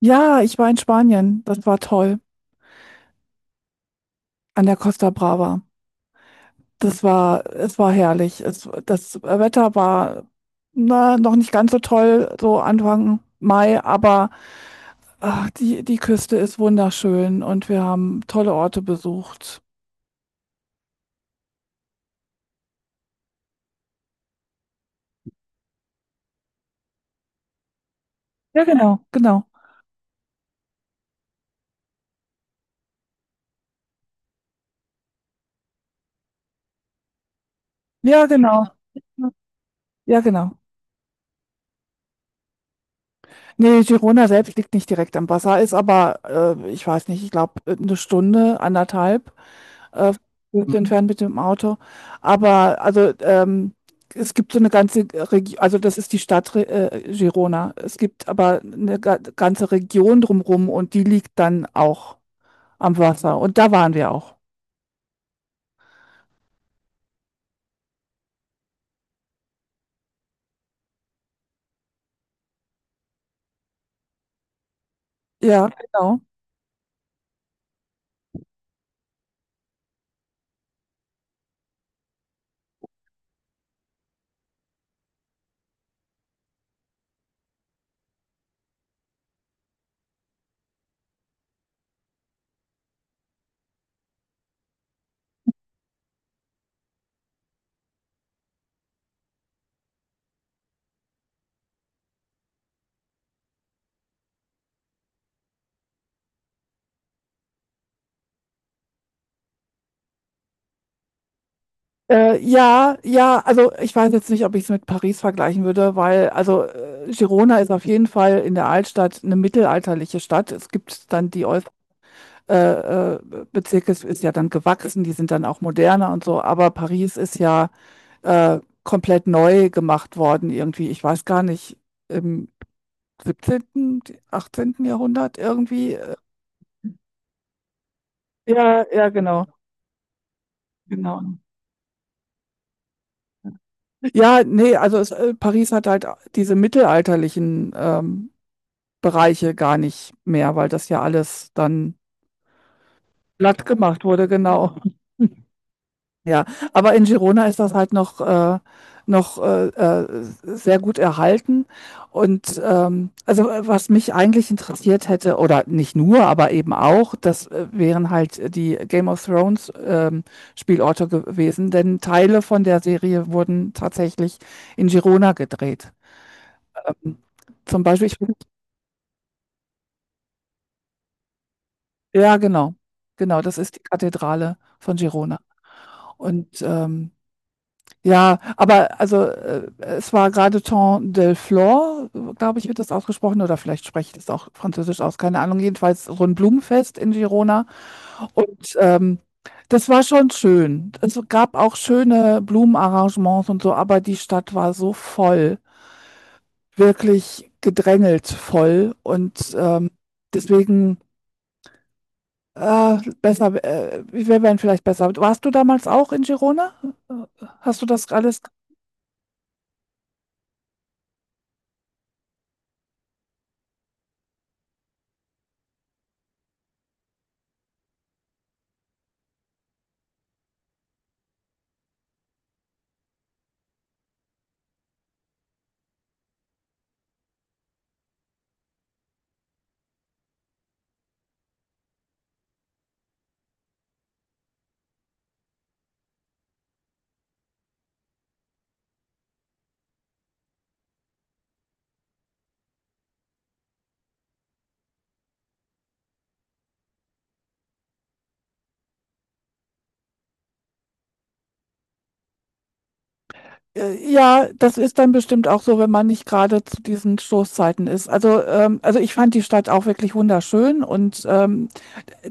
Ja, ich war in Spanien. Das war toll. An der Costa Brava. Es war herrlich. Das Wetter war, na, noch nicht ganz so toll, so Anfang Mai, aber ach, die Küste ist wunderschön und wir haben tolle Orte besucht. Ja, genau, genau. Ja, genau. Ja, genau. Nee, Girona selbst liegt nicht direkt am Wasser, ist aber, ich weiß nicht, ich glaube, eine Stunde, anderthalb äh, gut, mhm, entfernt mit dem Auto. Aber also es gibt so eine ganze Region, also das ist die Stadt Girona. Es gibt aber eine ga ganze Region drumherum und die liegt dann auch am Wasser. Und da waren wir auch. Ja, genau. Ja, ja, also ich weiß jetzt nicht, ob ich es mit Paris vergleichen würde, weil also Girona ist auf jeden Fall in der Altstadt eine mittelalterliche Stadt. Es gibt dann die Ost äh, äh, Bezirke, es ist ja dann gewachsen, die sind dann auch moderner und so, aber Paris ist ja komplett neu gemacht worden irgendwie. Ich weiß gar nicht, im 17., 18. Jahrhundert irgendwie. Ja, ja, genau, genau. Ja, nee, also Paris hat halt diese mittelalterlichen Bereiche gar nicht mehr, weil das ja alles dann glatt gemacht wurde, genau. Ja, aber in Girona ist das halt noch sehr gut erhalten. Und also was mich eigentlich interessiert hätte, oder nicht nur, aber eben auch, das wären halt die Game of Thrones Spielorte gewesen, denn Teile von der Serie wurden tatsächlich in Girona gedreht. Ähm, Zum Beispiel, ja, genau, genau, das ist die Kathedrale von Girona. Und ja, aber also es war gerade Temps del Delflor, glaube ich, wird das ausgesprochen, oder vielleicht spreche ich das auch französisch aus, keine Ahnung. Jedenfalls so ein Blumenfest in Girona. Und das war schon schön. Es gab auch schöne Blumenarrangements und so, aber die Stadt war so voll, wirklich gedrängelt voll. Und deswegen wir wären vielleicht besser. Warst du damals auch in Girona? Hast du das alles Ja, das ist dann bestimmt auch so, wenn man nicht gerade zu diesen Stoßzeiten ist. Also ich fand die Stadt auch wirklich wunderschön und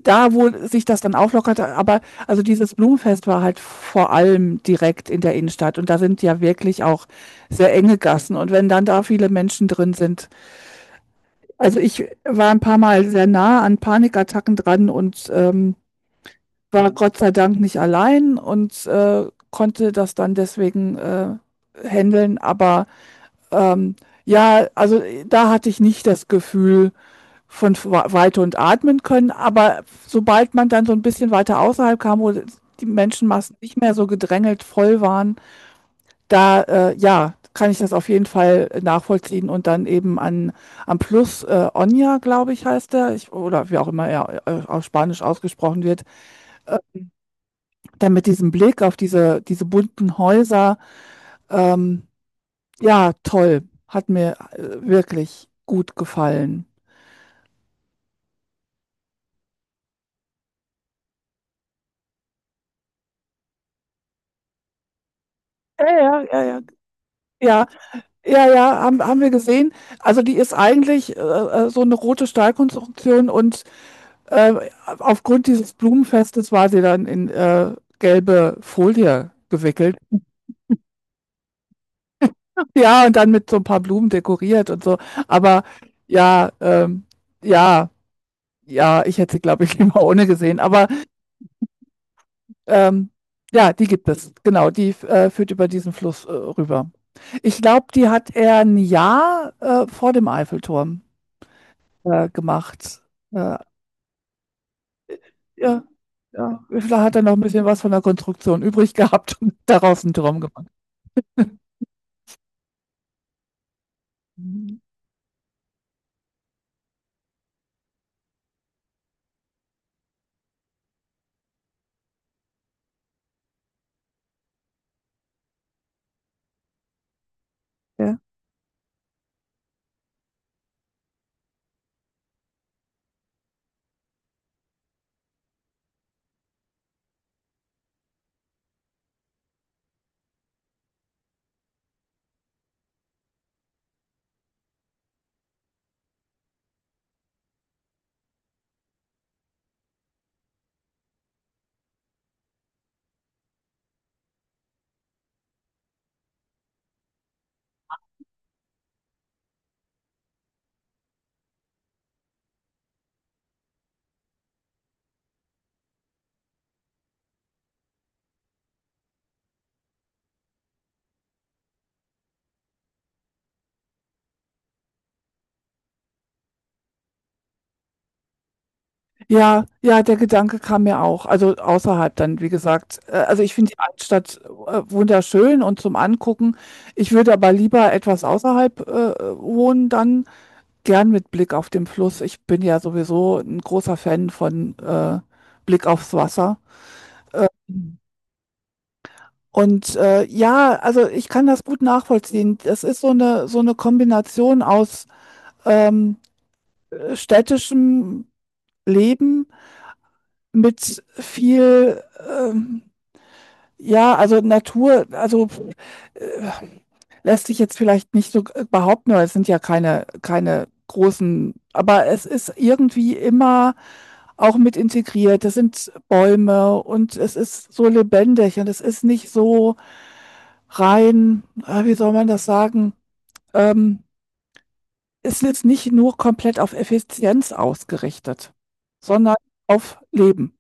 da, wo sich das dann auflockerte, aber also dieses Blumenfest war halt vor allem direkt in der Innenstadt und da sind ja wirklich auch sehr enge Gassen und wenn dann da viele Menschen drin sind, also ich war ein paar Mal sehr nah an Panikattacken dran und war Gott sei Dank nicht allein und konnte das dann deswegen handeln, aber ähm, ja, also da hatte ich nicht das Gefühl von Weite und atmen können, aber sobald man dann so ein bisschen weiter außerhalb kam, wo die Menschenmassen nicht mehr so gedrängelt voll waren, da, ja, kann ich das auf jeden Fall nachvollziehen und dann eben an am Oña, glaube ich, heißt der, ich oder wie auch immer er, auf Spanisch ausgesprochen wird, äh, dann mit diesem Blick auf diese bunten Häuser, ähm ja, toll. Hat mir wirklich gut gefallen. Ja, ja, ja, ja. Ja, ja, ja, haben wir gesehen. Also, die ist eigentlich, so eine rote Stahlkonstruktion und, äh, aufgrund dieses Blumenfestes war sie dann in, gelbe Folie gewickelt. Ja, und dann mit so ein paar Blumen dekoriert und so. Aber ja, ja, ja, ich hätte sie, glaube ich, lieber ohne gesehen. Aber, ähm, ja, die gibt es. Genau, die führt über diesen Fluss, rüber. Ich glaube, die hat er ein Jahr vor dem Eiffelturm gemacht. Äh, ja, ja. Da hat er noch ein bisschen was von der Konstruktion übrig gehabt und daraus einen Turm gemacht. Mhm. Ja, ja, ja, der Gedanke kam mir auch. Also außerhalb dann, wie gesagt. Also ich finde die Altstadt wunderschön und zum Angucken. Ich würde aber lieber etwas außerhalb wohnen, dann gern mit Blick auf den Fluss. Ich bin ja sowieso ein großer Fan von Blick aufs Wasser. Und ja, also ich kann das gut nachvollziehen. Das ist so eine Kombination aus ähm, städtischem Leben mit viel, ähm, ja, also Natur, also äh, lässt sich jetzt vielleicht nicht so behaupten, weil es sind ja keine großen, aber es ist irgendwie immer auch mit integriert. Das sind Bäume und es ist so lebendig und es ist nicht so rein, wie soll man das sagen, ähm, es ist nicht nur komplett auf Effizienz ausgerichtet, sondern auf Leben.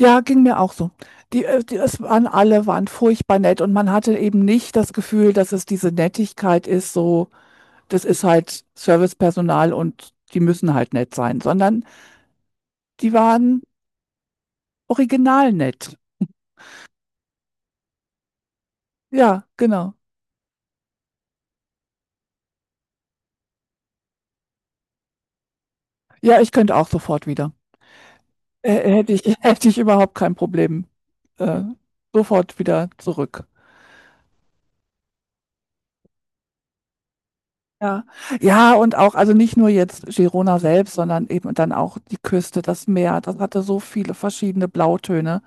Ja, ging mir auch so. Es waren alle, waren furchtbar nett und man hatte eben nicht das Gefühl, dass es diese Nettigkeit ist, so das ist halt Servicepersonal und die müssen halt nett sein, sondern die waren original nett. Ja, genau. Ja, ich könnte auch sofort wieder. Hätte ich überhaupt kein Problem. Äh, Sofort wieder zurück. Ja, ja, und auch, also nicht nur jetzt Girona selbst, sondern eben dann auch die Küste, das Meer, das hatte so viele verschiedene Blautöne.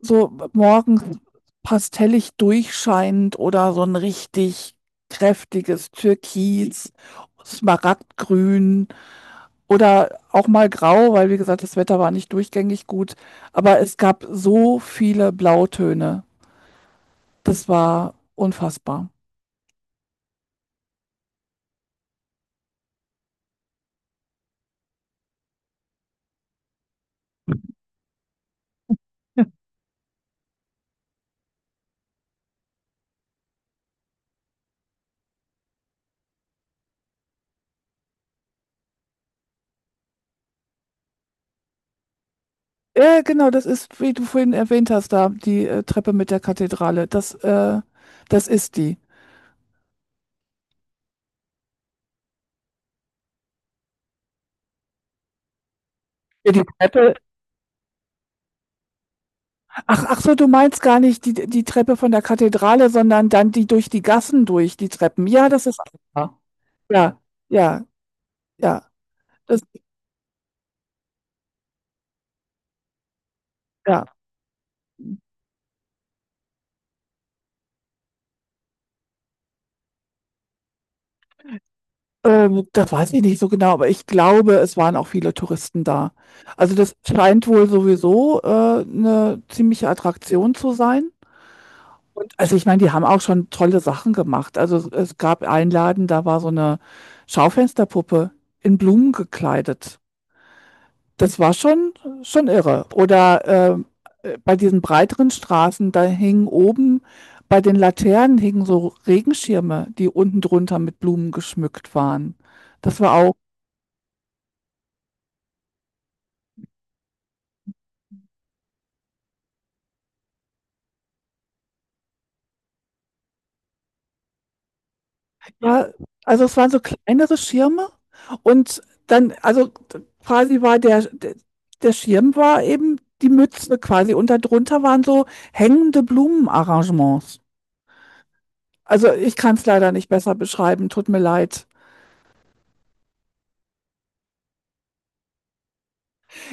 So morgens pastellig durchscheinend oder so ein richtig kräftiges Türkis, Smaragdgrün oder auch mal grau, weil wie gesagt, das Wetter war nicht durchgängig gut. Aber es gab so viele Blautöne. Das war unfassbar. Ja, genau, das ist, wie du vorhin erwähnt hast, da die Treppe mit der Kathedrale. Das ist die. Ja, die Treppe Ach, ach so, du meinst gar nicht die Treppe von der Kathedrale, sondern dann die durch die Gassen durch, die Treppen. Ja, das ist einfacher. Ja, ja, ja. Das, ja. Das weiß ich nicht so genau, aber ich glaube, es waren auch viele Touristen da. Also das scheint wohl sowieso eine ziemliche Attraktion zu sein. Und also ich meine, die haben auch schon tolle Sachen gemacht. Also es gab einen Laden, da war so eine Schaufensterpuppe in Blumen gekleidet. Das war schon irre. Oder, bei diesen breiteren Straßen, da hingen oben bei den Laternen hingen so Regenschirme, die unten drunter mit Blumen geschmückt waren. Das war auch ja, also es waren so kleinere Schirme und dann also quasi war der Schirm war eben die Mütze quasi und da drunter waren so hängende Blumenarrangements. Also, ich kann es leider nicht besser beschreiben, tut mir leid.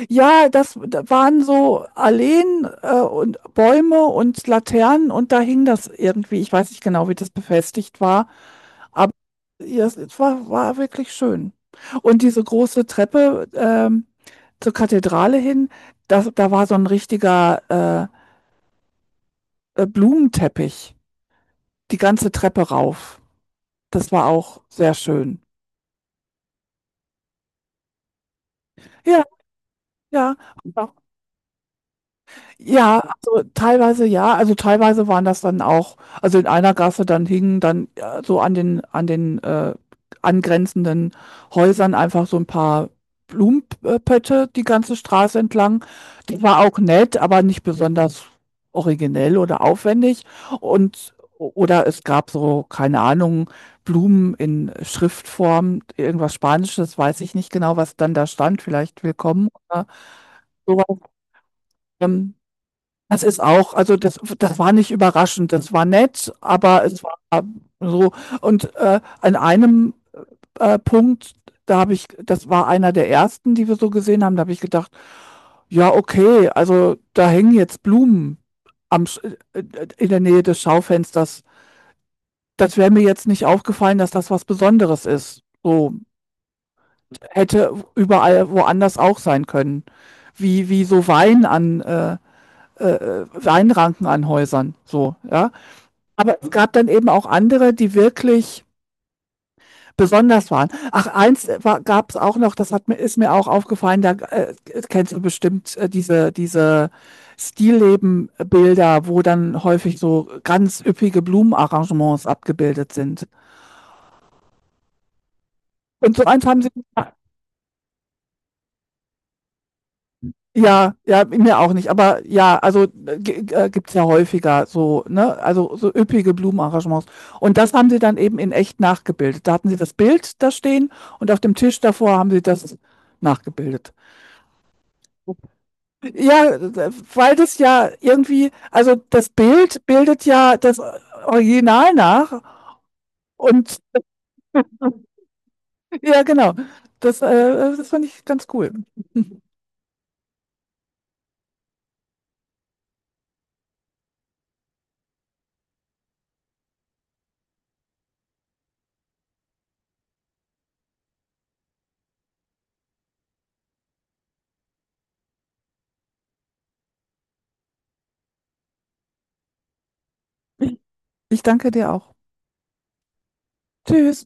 Ja, das da waren so Alleen und Bäume und Laternen und da hing das irgendwie. Ich weiß nicht genau, wie das befestigt war, aber ja, es war wirklich schön. Und diese große Treppe zur Kathedrale hin, da war so ein richtiger Blumenteppich, die ganze Treppe rauf. Das war auch sehr schön. Ja, ja. Ja, also teilweise waren das dann auch, also in einer Gasse dann hingen dann, so an den angrenzenden Häusern einfach so ein paar Blumen die ganze Straße entlang. Die war auch nett, aber nicht besonders originell oder aufwendig und oder es gab so, keine Ahnung, Blumen in Schriftform, irgendwas Spanisches, weiß ich nicht genau, was dann da stand, vielleicht willkommen oder so. ähm Das ist auch, also das war nicht überraschend, das war nett, aber es war so. Und an einem Punkt, da habe ich, das war einer der ersten, die wir so gesehen haben, da habe ich gedacht, ja, okay, also da hängen jetzt Blumen am, Sch- äh, in der Nähe des Schaufensters. Das wäre mir jetzt nicht aufgefallen, dass das was Besonderes ist. So hätte überall woanders auch sein können. Wie so Weinranken an Häusern. So, ja. Aber es gab dann eben auch andere, die wirklich besonders waren. Ach, eins gab es auch noch, ist mir auch aufgefallen, da kennst du bestimmt diese Stilleben-Bilder, wo dann häufig so ganz üppige Blumenarrangements abgebildet sind. Und so eins haben sie ja, ja, mir auch nicht. Aber ja, also gibt's ja häufiger so, ne? Also so üppige Blumenarrangements. Und das haben sie dann eben in echt nachgebildet. Da hatten sie das Bild da stehen und auf dem Tisch davor haben sie das nachgebildet. Ja, weil das ja irgendwie, also das Bild bildet ja das Original nach. Und ja, genau. Das fand ich ganz cool. Ich danke dir auch. Tschüss.